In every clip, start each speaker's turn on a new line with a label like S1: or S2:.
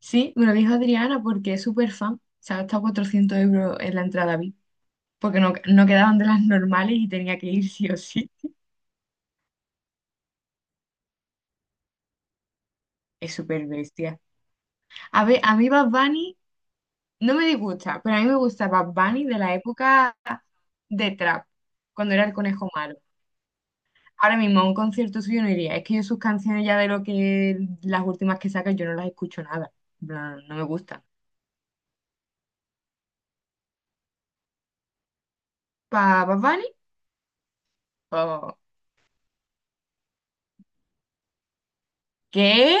S1: Sí, me lo dijo Adriana porque es súper fan. Se ha gastado 400 € en la entrada VIP porque no quedaban de las normales y tenía que ir sí o sí. Es súper bestia. A ver, a mí Bad Bunny no me disgusta, pero a mí me gusta Bad Bunny de la época de Trap, cuando era el conejo malo. Ahora mismo a un concierto suyo no iría. Es que yo sus canciones ya de lo que las últimas que saca yo no las escucho nada. En plan, no, me gustan. ¿Para Bad Bunny? Oh. ¿Qué?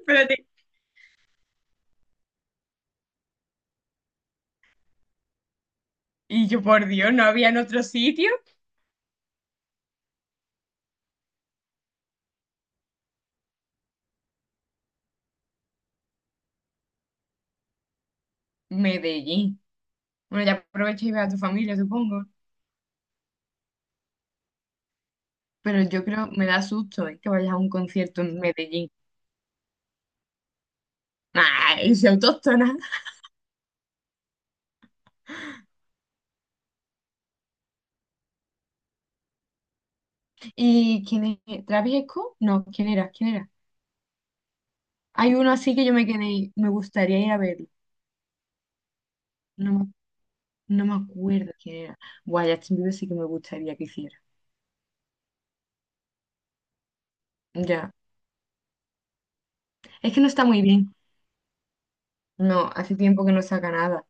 S1: Espérate. Y yo, por Dios, ¿no había en otro sitio? Medellín. Bueno, ya aprovecha y ve a tu familia, supongo. Pero yo creo, me da susto que vayas a un concierto en Medellín. ¡Ay, soy autóctona! ¿Y quién es? ¿Travis Scott? No, ¿quién era? ¿Quién era? Hay uno así que yo me quedé, me gustaría ir a verlo. No, me- no me acuerdo quién era. Buah, Justin Bieber sí que me gustaría que hiciera. Ya. Es que no está muy bien. No, hace tiempo que no saca nada.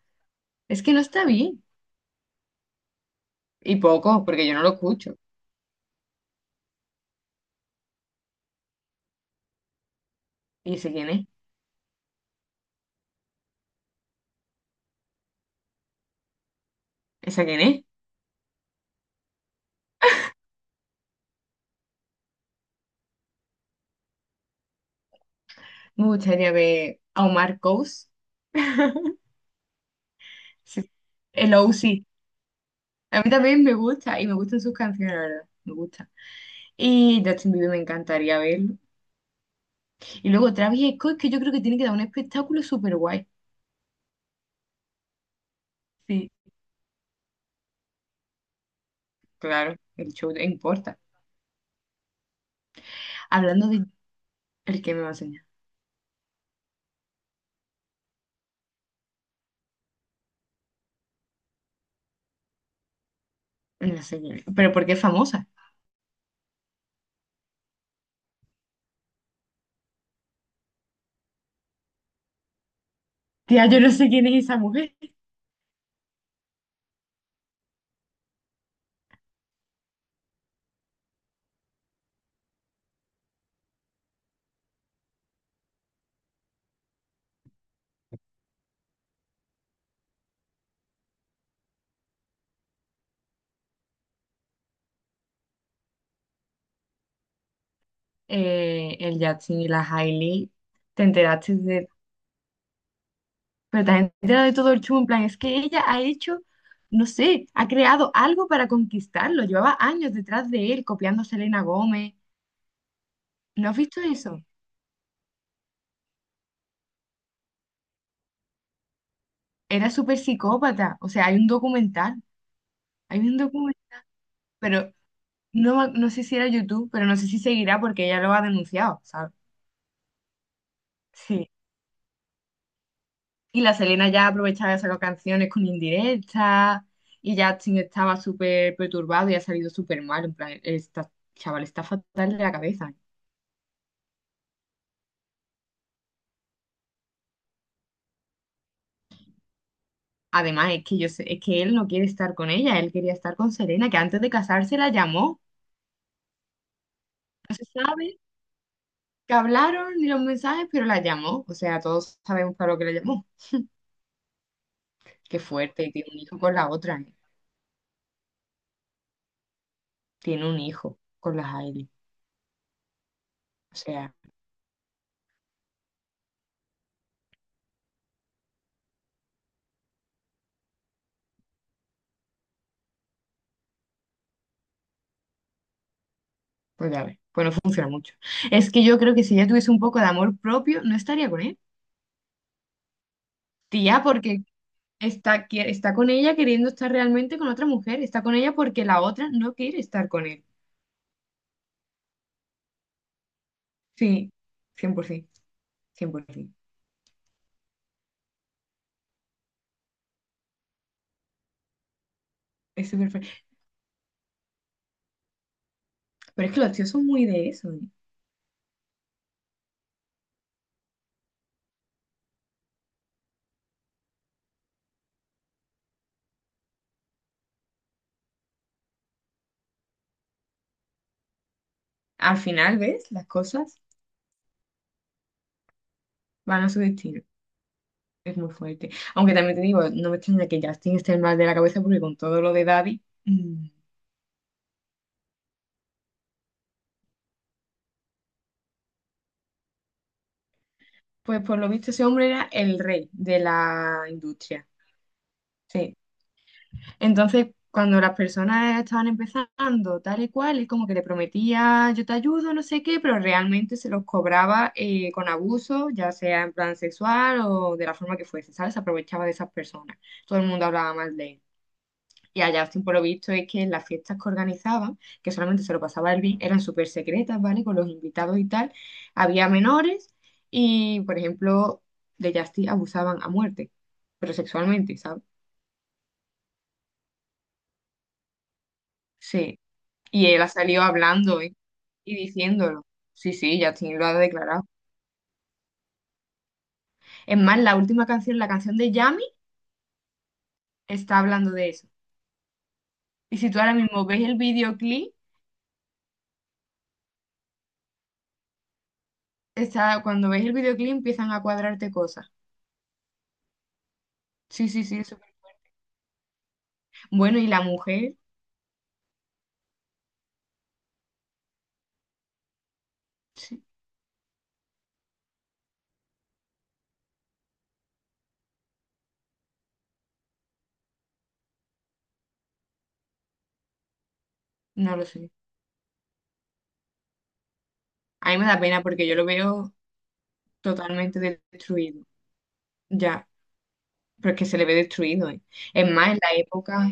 S1: Es que no está bien. Y poco, porque yo no lo escucho. ¿Y ese quién es? ¿Esa quién es? Me gustaría ver a Omar Coase. Sí, el OC. A mí también me gusta y me gustan sus canciones, la verdad. Me gusta. Y Justin Bieber me encantaría verlo. Y luego Travis Scott, que yo creo que tiene que dar un espectáculo súper guay. Sí, claro, el show no importa. Hablando de el que me va a enseñar. No sé quién es, pero porque es famosa. Tía, yo no sé quién es esa mujer. El Justin y la Hailey. ¿Te enteraste de pero también te da de todo el chumbo, en plan, es que ella ha hecho, no sé, ha creado algo para conquistarlo? Llevaba años detrás de él, copiando a Selena Gómez. ¿No has visto eso? Era súper psicópata. O sea, hay un documental, hay un documental, pero no, no sé si era YouTube, pero no sé si seguirá porque ella lo ha denunciado, ¿sabes? Sí. Y la Selena ya aprovechaba de sacar canciones con indirectas y Justin estaba súper perturbado y ha salido súper mal, en plan, esta chaval está fatal de la cabeza. Además, es que yo sé, es que él no quiere estar con ella, él quería estar con Serena, que antes de casarse la llamó. No se sabe que hablaron ni los mensajes, pero la llamó. O sea, todos sabemos para lo que la llamó. Qué fuerte, y tiene un hijo con la otra, ¿eh? Tiene un hijo con la Hailey. O sea, pues ya ves, pues no funciona mucho. Es que yo creo que si ella tuviese un poco de amor propio, no estaría con él. Tía, porque está, está con ella queriendo estar realmente con otra mujer, está con ella porque la otra no quiere estar con él. Sí, cien por ciento, cien por 100%. Es súper. Pero es que los tíos son muy de eso, ¿eh? Al final, ¿ves? Las cosas van a su destino. Es muy fuerte. Aunque también te digo, no me extraña que Justin esté mal de la cabeza porque con todo lo de Daddy, pues por lo visto ese hombre era el rey de la industria. Sí. Entonces, cuando las personas estaban empezando tal y cual, es como que le prometía yo te ayudo, no sé qué, pero realmente se los cobraba con abuso, ya sea en plan sexual o de la forma que fuese, ¿sabes? Se aprovechaba de esas personas. Todo el mundo hablaba mal de él. Y a Justin, por lo visto, es que las fiestas que organizaban, que solamente se lo pasaba él bien, eran súper secretas, ¿vale? Con los invitados y tal. Había menores y, por ejemplo, de Justin abusaban a muerte, pero sexualmente, ¿sabes? Sí. Y él ha salido hablando, ¿eh? Y diciéndolo. Sí, sí, Justin lo ha declarado. Es más, la última canción, la canción de Yami, está hablando de eso. Y si tú ahora mismo ves el videoclip, está, cuando ves el videoclip empiezan a cuadrarte cosas. Sí, sí, sí, eso. Bueno, y la mujer. No lo sé. A mí me da pena porque yo lo veo totalmente destruido. Ya, pero es que se le ve destruido, ¿eh? Es más, en la época,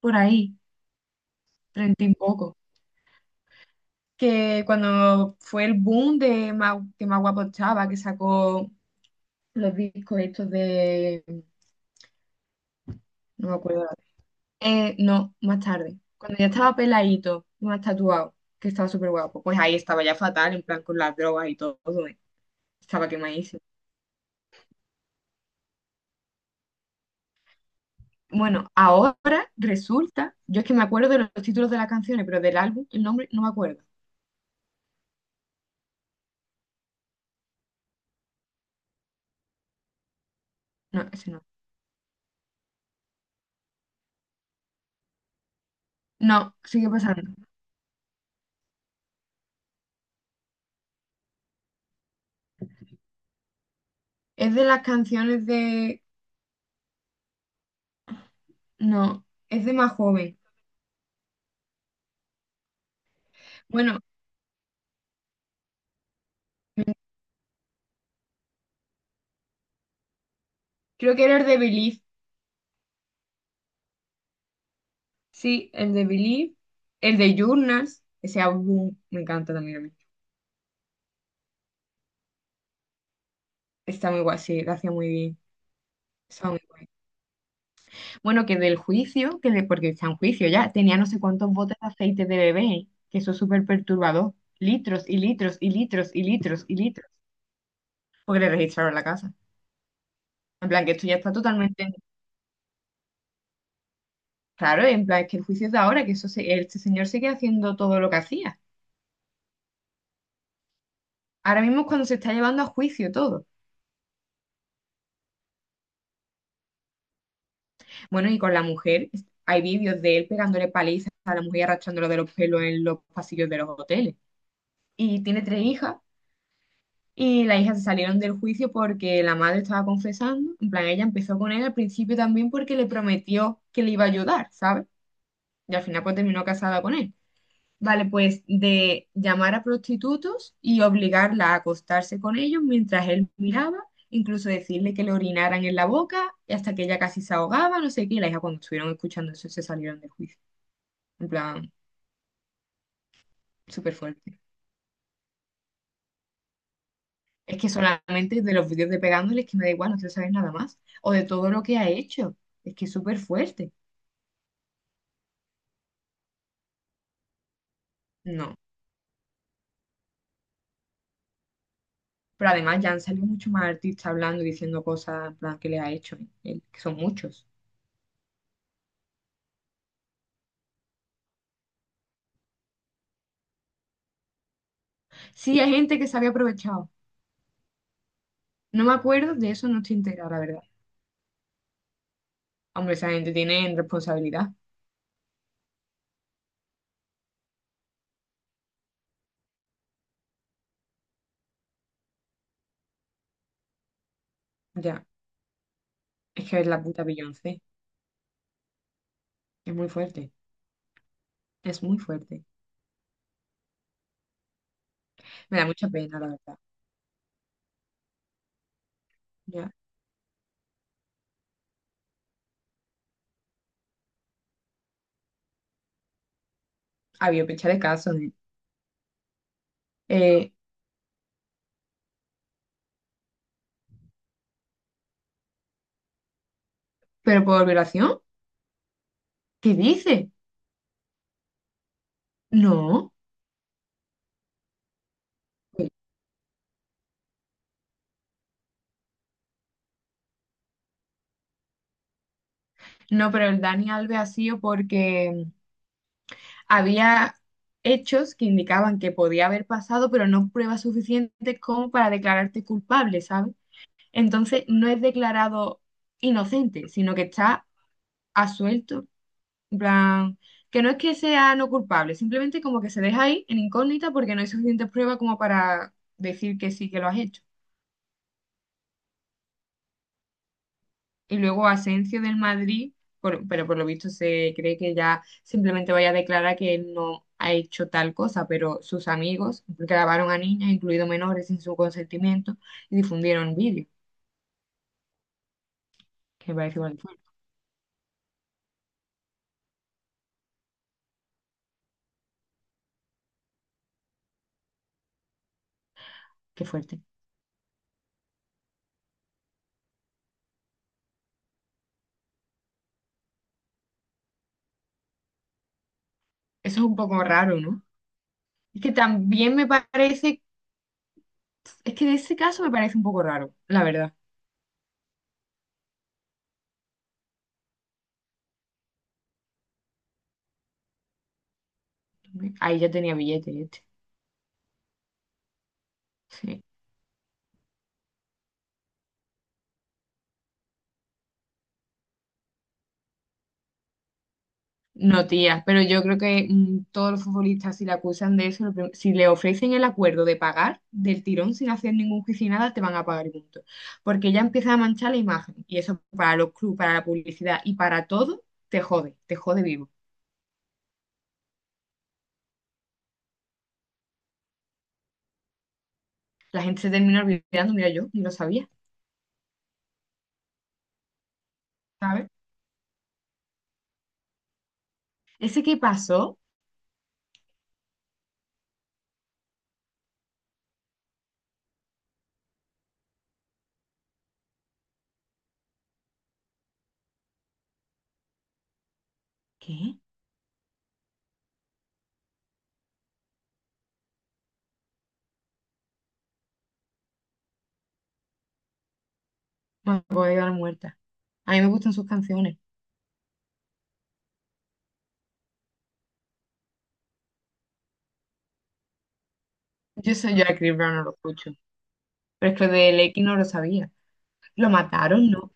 S1: por ahí, treinta y poco, que cuando fue el boom de que Más Guapo Estaba, que sacó los discos estos de... No me acuerdo. No, más tarde. Cuando ya estaba peladito, más tatuado, que estaba súper guapo, pues ahí estaba ya fatal, en plan con las drogas y todo, ¿eh? Estaba quemadísimo. Bueno, ahora resulta, yo es que me acuerdo de los títulos de las canciones, pero del álbum, el nombre no me acuerdo. No, ese no. No, sigue pasando. Es de las canciones de... No, es de más joven. Bueno, creo que era el de Believe. Sí, el de Believe. El de Journals. Ese álbum me encanta también a mí. Está muy guay, sí, lo hacía muy bien. Bueno, que del juicio, que de, porque está en juicio ya, tenía no sé cuántos botes de aceite de bebé, que eso es súper perturbador. Litros y litros y litros y litros y litros, porque le registraron la casa. En plan, que esto ya está totalmente claro, en plan, es que el juicio es de ahora, que este señor sigue haciendo todo lo que hacía. Ahora mismo es cuando se está llevando a juicio todo. Bueno, y con la mujer, hay vídeos de él pegándole palizas a la mujer y arrastrándolo de los pelos en los pasillos de los hoteles. Y tiene 3 hijas. Y las hijas se salieron del juicio porque la madre estaba confesando. En plan, ella empezó con él al principio también porque le prometió que le iba a ayudar, ¿sabes? Y al final pues terminó casada con él. Vale, pues de llamar a prostitutos y obligarla a acostarse con ellos mientras él miraba, incluso decirle que le orinaran en la boca y hasta que ella casi se ahogaba, no sé qué. Y la hija cuando estuvieron escuchando eso se salieron del juicio. En plan, súper fuerte. Es que solamente de los vídeos de pegándole es que me da igual, no quiero saber nada más. O de todo lo que ha hecho. Es que es súper fuerte. No. Pero además ya han salido mucho más artistas hablando y diciendo cosas en plan, que le ha hecho, él, que son muchos. Sí, hay gente que se había aprovechado. No me acuerdo, de eso no estoy enterada, la verdad. Hombre, esa gente tiene responsabilidad. Ya. Es que es la puta Beyoncé. Es muy fuerte. Es muy fuerte. Me da mucha pena, la verdad. Ya. Había pecha de casos, ¿eh? Eh, ¿Pero por violación? ¿Qué dice? No. No, pero el Dani Alves ha sido porque había hechos que indicaban que podía haber pasado, pero no pruebas suficientes como para declararte culpable, ¿sabes? Entonces no es declarado inocente, sino que está a suelto, en plan, que no es que sea no culpable, simplemente como que se deja ahí en incógnita porque no hay suficientes pruebas como para decir que sí que lo has hecho. Y luego Asencio del Madrid, pero por lo visto se cree que ya simplemente vaya a declarar que él no ha hecho tal cosa, pero sus amigos grabaron a niñas, incluidos menores, sin su consentimiento y difundieron vídeos, que me parece igual de fuerte. Qué fuerte. Eso es un poco raro, ¿no? Es que también me parece, es que de ese caso me parece un poco raro, la verdad. Ahí ya tenía billete este. Sí. No, tía, pero yo creo que todos los futbolistas, si le acusan de eso, si le ofrecen el acuerdo de pagar del tirón sin hacer ningún juicio y nada, te van a pagar y punto. Porque ya empieza a manchar la imagen. Y eso para los clubes, para la publicidad y para todo, te jode vivo. La gente se termina olvidando, mira, yo ni lo sabía, ¿sabes? Ese que pasó, ¿qué? Bueno, me voy a quedar muerta. A mí me gustan sus canciones. Yo soy yo a Chris Brown, no lo escucho. Pero es que del X no lo sabía. Lo mataron, ¿no?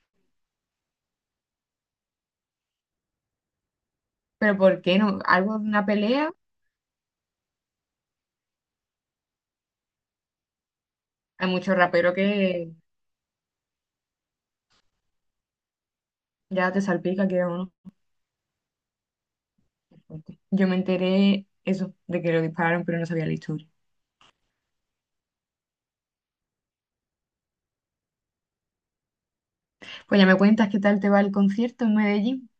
S1: ¿Pero por qué no? ¿Algo de una pelea? Hay mucho rapero que ya te salpica que es uno. Yo me enteré eso, de que lo dispararon, pero no sabía la historia. Pues ya me cuentas qué tal te va el concierto en Medellín.